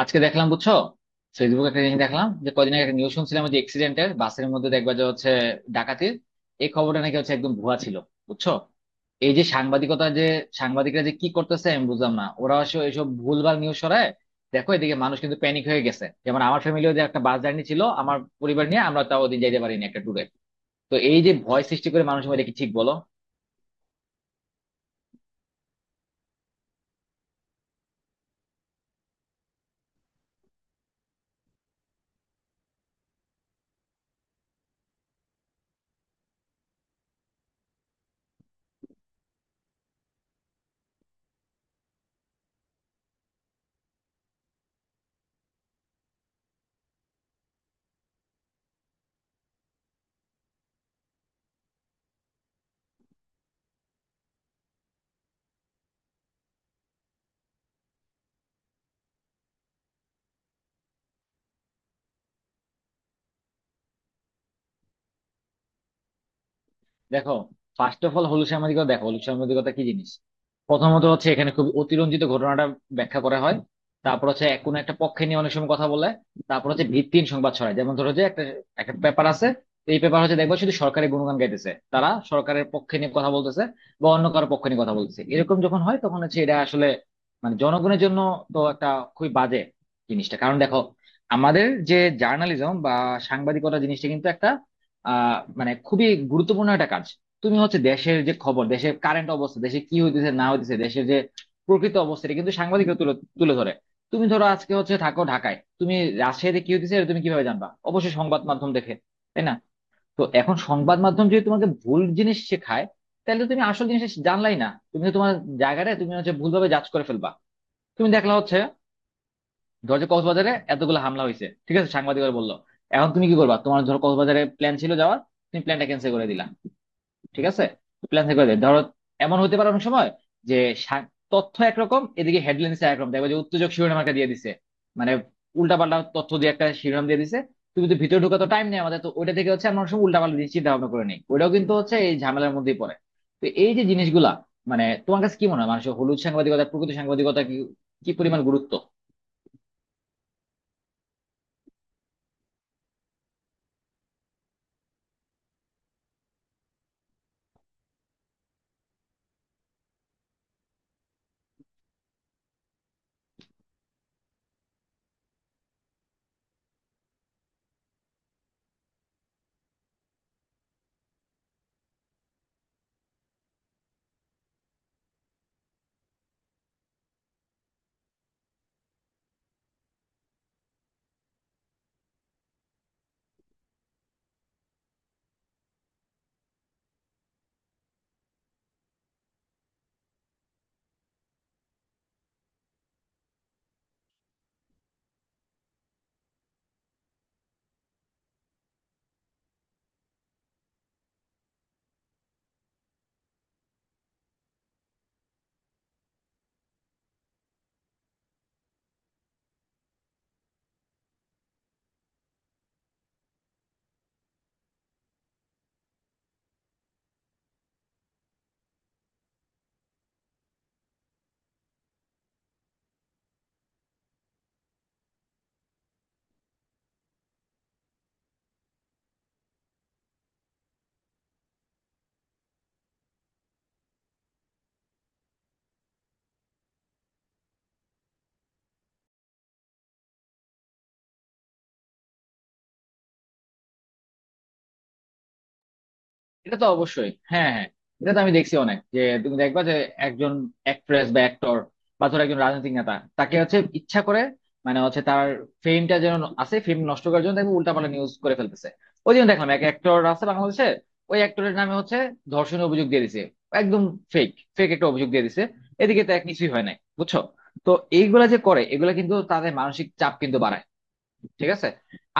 আজকে দেখলাম, বুঝছো, ফেসবুকে একটা জিনিস দেখলাম যে কদিন আগে একটা নিউজ শুনছিলাম যে এক্সিডেন্টের বাসের মধ্যে দেখবা যে হচ্ছে ডাকাতির এই খবরটা নাকি হচ্ছে একদম ভুয়া ছিল, বুঝছো। এই যে সাংবাদিকতা, যে সাংবাদিকরা যে কি করতেছে আমি বুঝলাম না, ওরা আসলে এইসব ভুলভাল নিউজ ছড়ায়। দেখো, এদিকে মানুষ কিন্তু প্যানিক হয়ে গেছে, যেমন আমার ফ্যামিলিও, যে একটা বাস জার্নি ছিল আমার পরিবার নিয়ে, আমরা তাও ওদিন যাইতে পারিনি একটা ট্যুরে। তো এই যে ভয় সৃষ্টি করে মানুষের মধ্যে, কি ঠিক বলো? দেখো, ফার্স্ট অফ অল, হলুদ সাংবাদিকতা, দেখো হলুদ সাংবাদিকতা কি জিনিস। প্রথমত হচ্ছে এখানে খুব অতিরঞ্জিত ঘটনাটা ব্যাখ্যা করা হয়। তারপর হচ্ছে এক কোনো একটা পক্ষে নিয়ে অনেক সময় কথা বলে। তারপর হচ্ছে ভিত্তিহীন সংবাদ ছড়ায়, যেমন ধরো যে একটা একটা পেপার আছে, তো এই পেপার হচ্ছে দেখবা শুধু সরকারের গুণগান গাইতেছে, তারা সরকারের পক্ষে নিয়ে কথা বলতেছে বা অন্য কারো পক্ষে নিয়ে কথা বলতেছে। এরকম যখন হয়, তখন হচ্ছে এটা আসলে মানে জনগণের জন্য তো একটা খুবই বাজে জিনিসটা। কারণ দেখো, আমাদের যে জার্নালিজম বা সাংবাদিকতা জিনিসটা আহ মানে খুবই গুরুত্বপূর্ণ একটা কাজ। তুমি হচ্ছে দেশের যে খবর, দেশের কারেন্ট অবস্থা, দেশে কি হইতেছে না হইতেছে, দেশের যে প্রকৃত অবস্থা এটা কিন্তু সাংবাদিকরা তুলে তুলে ধরে। তুমি ধরো, আজকে হচ্ছে থাকো ঢাকায়, তুমি রাজশাহীতে কি হইতেছে এটা তুমি কিভাবে জানবা, অবশ্যই সংবাদ মাধ্যম দেখে, তাই না? তো এখন সংবাদ মাধ্যম যদি তোমাকে ভুল জিনিস শেখায়, তাহলে তো তুমি আসল জিনিস জানলাই না, তুমি তো তোমার জায়গাটা তুমি হচ্ছে ভুলভাবে জাজ করে ফেলবা। তুমি দেখলা হচ্ছে, ধরো যে কক্সবাজারে এতগুলো হামলা হয়েছে, ঠিক আছে, সাংবাদিকরা বললো। এখন তুমি কি করবা, তোমার ধরো কক্সবাজারে প্ল্যান ছিল যাওয়ার, তুমি প্ল্যানটা ক্যান্সেল করে দিলা, ঠিক আছে। প্ল্যান ক্যান্সেল করে দিলে ধরো এমন হতে পারে অনেক সময় যে সা- তথ্য একরকম, এদিকে হেডলাইন দিচ্ছে একরকম, দেখবে যে উত্তেজক শিরোনাম একটা দিয়ে দিছে, মানে উল্টাপাল্টা তথ্য দিয়ে একটা শিরোনাম দিয়ে দিছে। তুমি তো ভিতরে ঢোকা তো টাইম নেই আমাদের, তো ওইটা থেকে হচ্ছে আমরা অনেক সময় উল্টাপাল্টা জিনিস চিন্তা ভাবনা করে নেই, ওইটাও কিন্তু হচ্ছে এই ঝামেলার মধ্যেই পড়ে। তো এই যে জিনিসগুলা, মানে তোমার কাছে কি মনে হয়, মানুষের হলুদ সাংবাদিকতা, প্রকৃত সাংবাদিকতা কি কি পরিমাণ গুরুত্ব? এটা তো অবশ্যই, হ্যাঁ, হ্যাঁ, এটা তো আমি দেখছি অনেক, যে তুমি দেখবা যে একজন অ্যাক্ট্রেস বা অ্যাক্টর, বা ধরো একজন রাজনৈতিক নেতা, তাকে হচ্ছে ইচ্ছা করে, মানে হচ্ছে তার ফেমটা যেন আছে, ফেম নষ্ট করার জন্য দেখবে উল্টাপাল্টা নিউজ করে ফেলতেছে। ওই জন্য দেখলাম এক অ্যাক্টর আছে বাংলাদেশে, ওই অ্যাক্টরের নামে হচ্ছে ধর্ষণের অভিযোগ দিয়ে দিছে, একদম ফেক ফেক একটা অভিযোগ দিয়ে দিছে, এদিকে তো এক কিছুই হয় নাই, বুঝছো। তো এইগুলা যে করে, এগুলা কিন্তু তাদের মানসিক চাপ কিন্তু বাড়ায়, ঠিক আছে।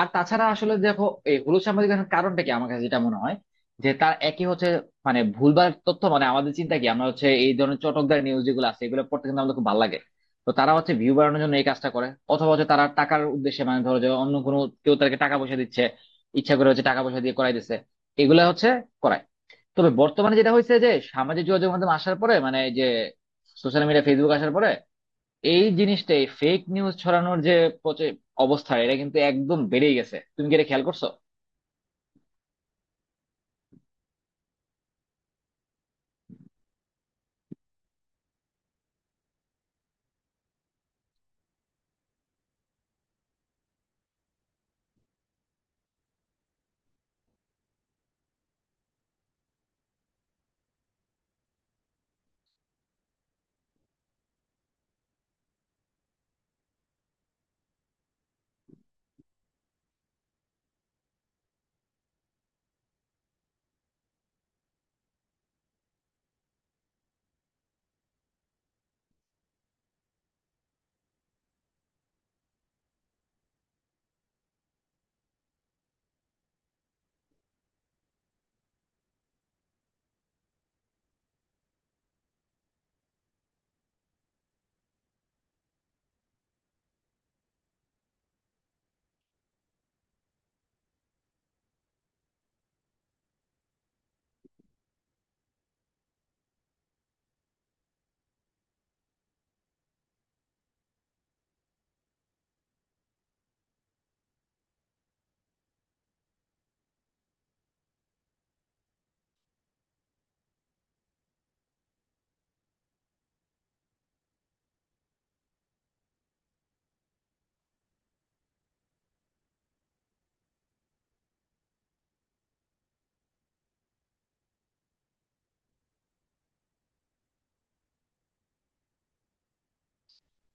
আর তাছাড়া আসলে দেখো, এই হলুদ সাংবাদিকতার কারণটা কি আমার কাছে যেটা মনে হয় যে তার একই হচ্ছে মানে ভুলভাল তথ্য, মানে আমাদের চিন্তা কি, আমরা হচ্ছে এই ধরনের চটকদার নিউজ যেগুলো আছে এগুলো পড়তে কিন্তু আমাদের খুব ভালো লাগে। তো তারা হচ্ছে ভিউ বাড়ানোর জন্য এই কাজটা করে, অথবা হচ্ছে তারা টাকার উদ্দেশ্যে, মানে ধরো যে অন্য কোনো কেউ তাদেরকে টাকা পয়সা দিচ্ছে, ইচ্ছা করে হচ্ছে টাকা পয়সা দিয়ে করাই দিচ্ছে, এগুলা হচ্ছে করায়। তবে বর্তমানে যেটা হয়েছে, যে সামাজিক যোগাযোগ মাধ্যম আসার পরে, মানে এই যে সোশ্যাল মিডিয়া, ফেসবুক আসার পরে, এই জিনিসটাই ফেক নিউজ ছড়ানোর যে প্রচে- অবস্থা, এটা কিন্তু একদম বেড়েই গেছে। তুমি কি এটা খেয়াল করছো?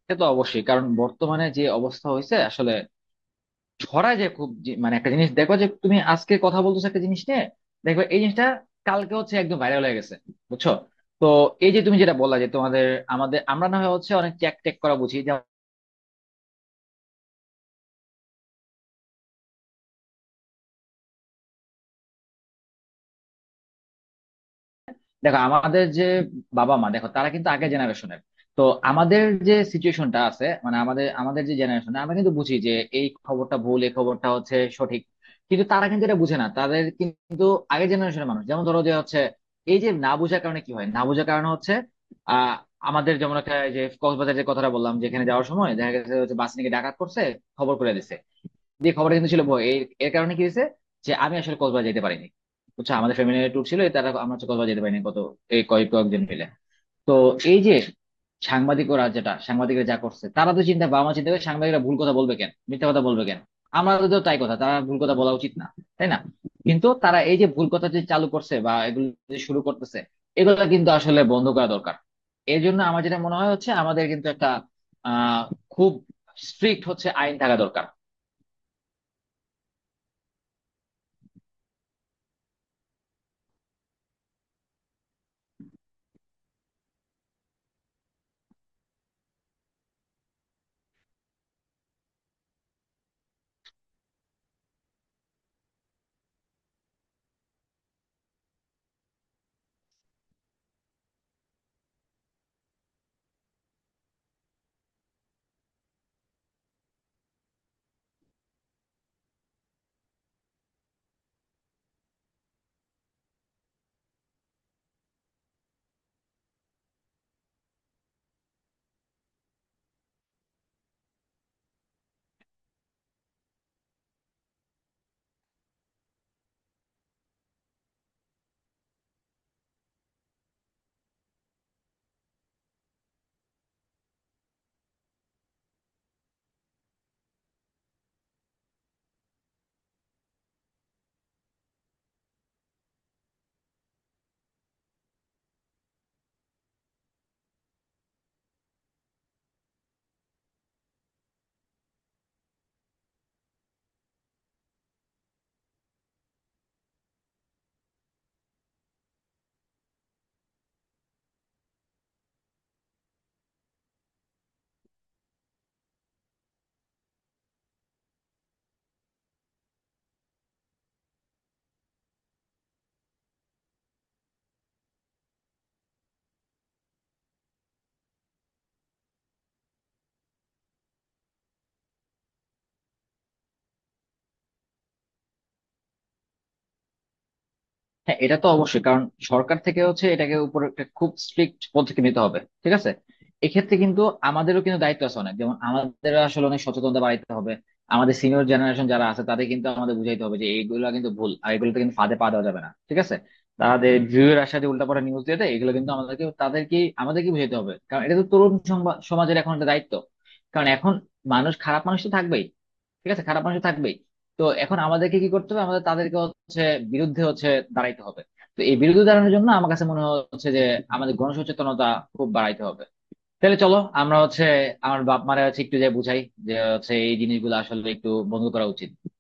সে তো অবশ্যই, কারণ বর্তমানে যে অবস্থা হয়েছে আসলে ছড়ায় যে খুব মানে একটা জিনিস দেখো, যে তুমি আজকে কথা বলতেছো একটা জিনিস নিয়ে, দেখবে এই জিনিসটা কালকে হচ্ছে একদম ভাইরাল হয়ে গেছে, বুঝছো। তো এই যে তুমি যেটা বললা যে তোমাদের আমাদের, আমরা না হয় হচ্ছে অনেক চ্যাক ট্যাক করা বুঝি। দেখো, আমাদের যে বাবা মা, দেখো তারা কিন্তু আগের জেনারেশনের, তো আমাদের যে সিচুয়েশনটা আছে, মানে আমাদের আমাদের যে জেনারেশন, আমরা কিন্তু বুঝি যে এই খবরটা ভুল, এই খবরটা হচ্ছে সঠিক, কিন্তু তারা কিন্তু এটা বুঝে না, তাদের কিন্তু আগের জেনারেশনের মানুষ, যেমন ধরো যে হচ্ছে এই যে না বোঝার কারণে কি হয়, না বোঝার কারণে হচ্ছে আহ আমাদের যেমন একটা, এই যে কক্সবাজারের যে কথাটা বললাম, যেখানে যাওয়ার সময় দেখা গেছে হচ্ছে বাস নিয়ে ডাকাত করছে, খবর করে দিছে, যে খবরটা কিন্তু ছিল বই, এর এর কারণে কি হয়েছে যে আমি আসলে কক্সবাজার যেতে পারিনি, বুঝছো, আমাদের ফ্যামিলি ট্যুর ছিল, এই তারা আমরা হচ্ছে কক্সবাজার যেতে পারিনি, কত এই কয়েকজন মিলে। তো এই যে সাংবাদিক, ওরা যেটা সাংবাদিকরা যা করছে, তারা তো চিন্তা, বাবা মা চিন্তা করে সাংবাদিকরা ভুল কথা বলবে কেন, মিথ্যা কথা বলবে কেন, আমাদের তো তাই কথা তারা ভুল কথা বলা উচিত না, তাই না? কিন্তু তারা এই যে ভুল কথা যে চালু করছে বা এগুলো যে শুরু করতেছে, এগুলো কিন্তু আসলে বন্ধ করা দরকার। এর জন্য আমার যেটা মনে হয় হচ্ছে, আমাদের কিন্তু একটা আহ খুব স্ট্রিক্ট হচ্ছে আইন থাকা দরকার। হ্যাঁ, এটা তো অবশ্যই কারণ সরকার থেকে হচ্ছে এটাকে উপর একটা খুব স্ট্রিক্ট পদক্ষেপ নিতে হবে, ঠিক আছে। এক্ষেত্রে কিন্তু আমাদেরও কিন্তু দায়িত্ব আছে অনেক, যেমন আমাদের আসলে অনেক সচেতনতা বাড়াইতে হবে। আমাদের সিনিয়র জেনারেশন যারা আছে, তাদের কিন্তু আমাদের বুঝাইতে হবে যে এইগুলো কিন্তু ভুল, আর এগুলোতে কিন্তু ফাঁদে পা দেওয়া যাবে না, ঠিক আছে। তাদের ভিউয়ের আশাতে উল্টাপাল্টা নিউজ দিয়ে দেয়, এগুলো কিন্তু আমাদেরকে তাদেরকে আমাদেরকে বুঝাইতে হবে, কারণ এটা তো তরুণ সমাজের এখন একটা দায়িত্ব। কারণ এখন মানুষ, খারাপ মানুষ তো থাকবেই, ঠিক আছে, খারাপ মানুষ তো থাকবেই। তো এখন আমাদেরকে কি করতে হবে, আমাদের তাদেরকে হচ্ছে বিরুদ্ধে হচ্ছে দাঁড়াইতে হবে। তো এই বিরুদ্ধে দাঁড়ানোর জন্য আমার কাছে মনে হচ্ছে যে আমাদের গণসচেতনতা খুব বাড়াইতে হবে। তাহলে চলো আমরা হচ্ছে আমার বাপ মারা হচ্ছে একটু যে বুঝাই, যে হচ্ছে এই জিনিসগুলো আসলে একটু বন্ধ করা উচিত।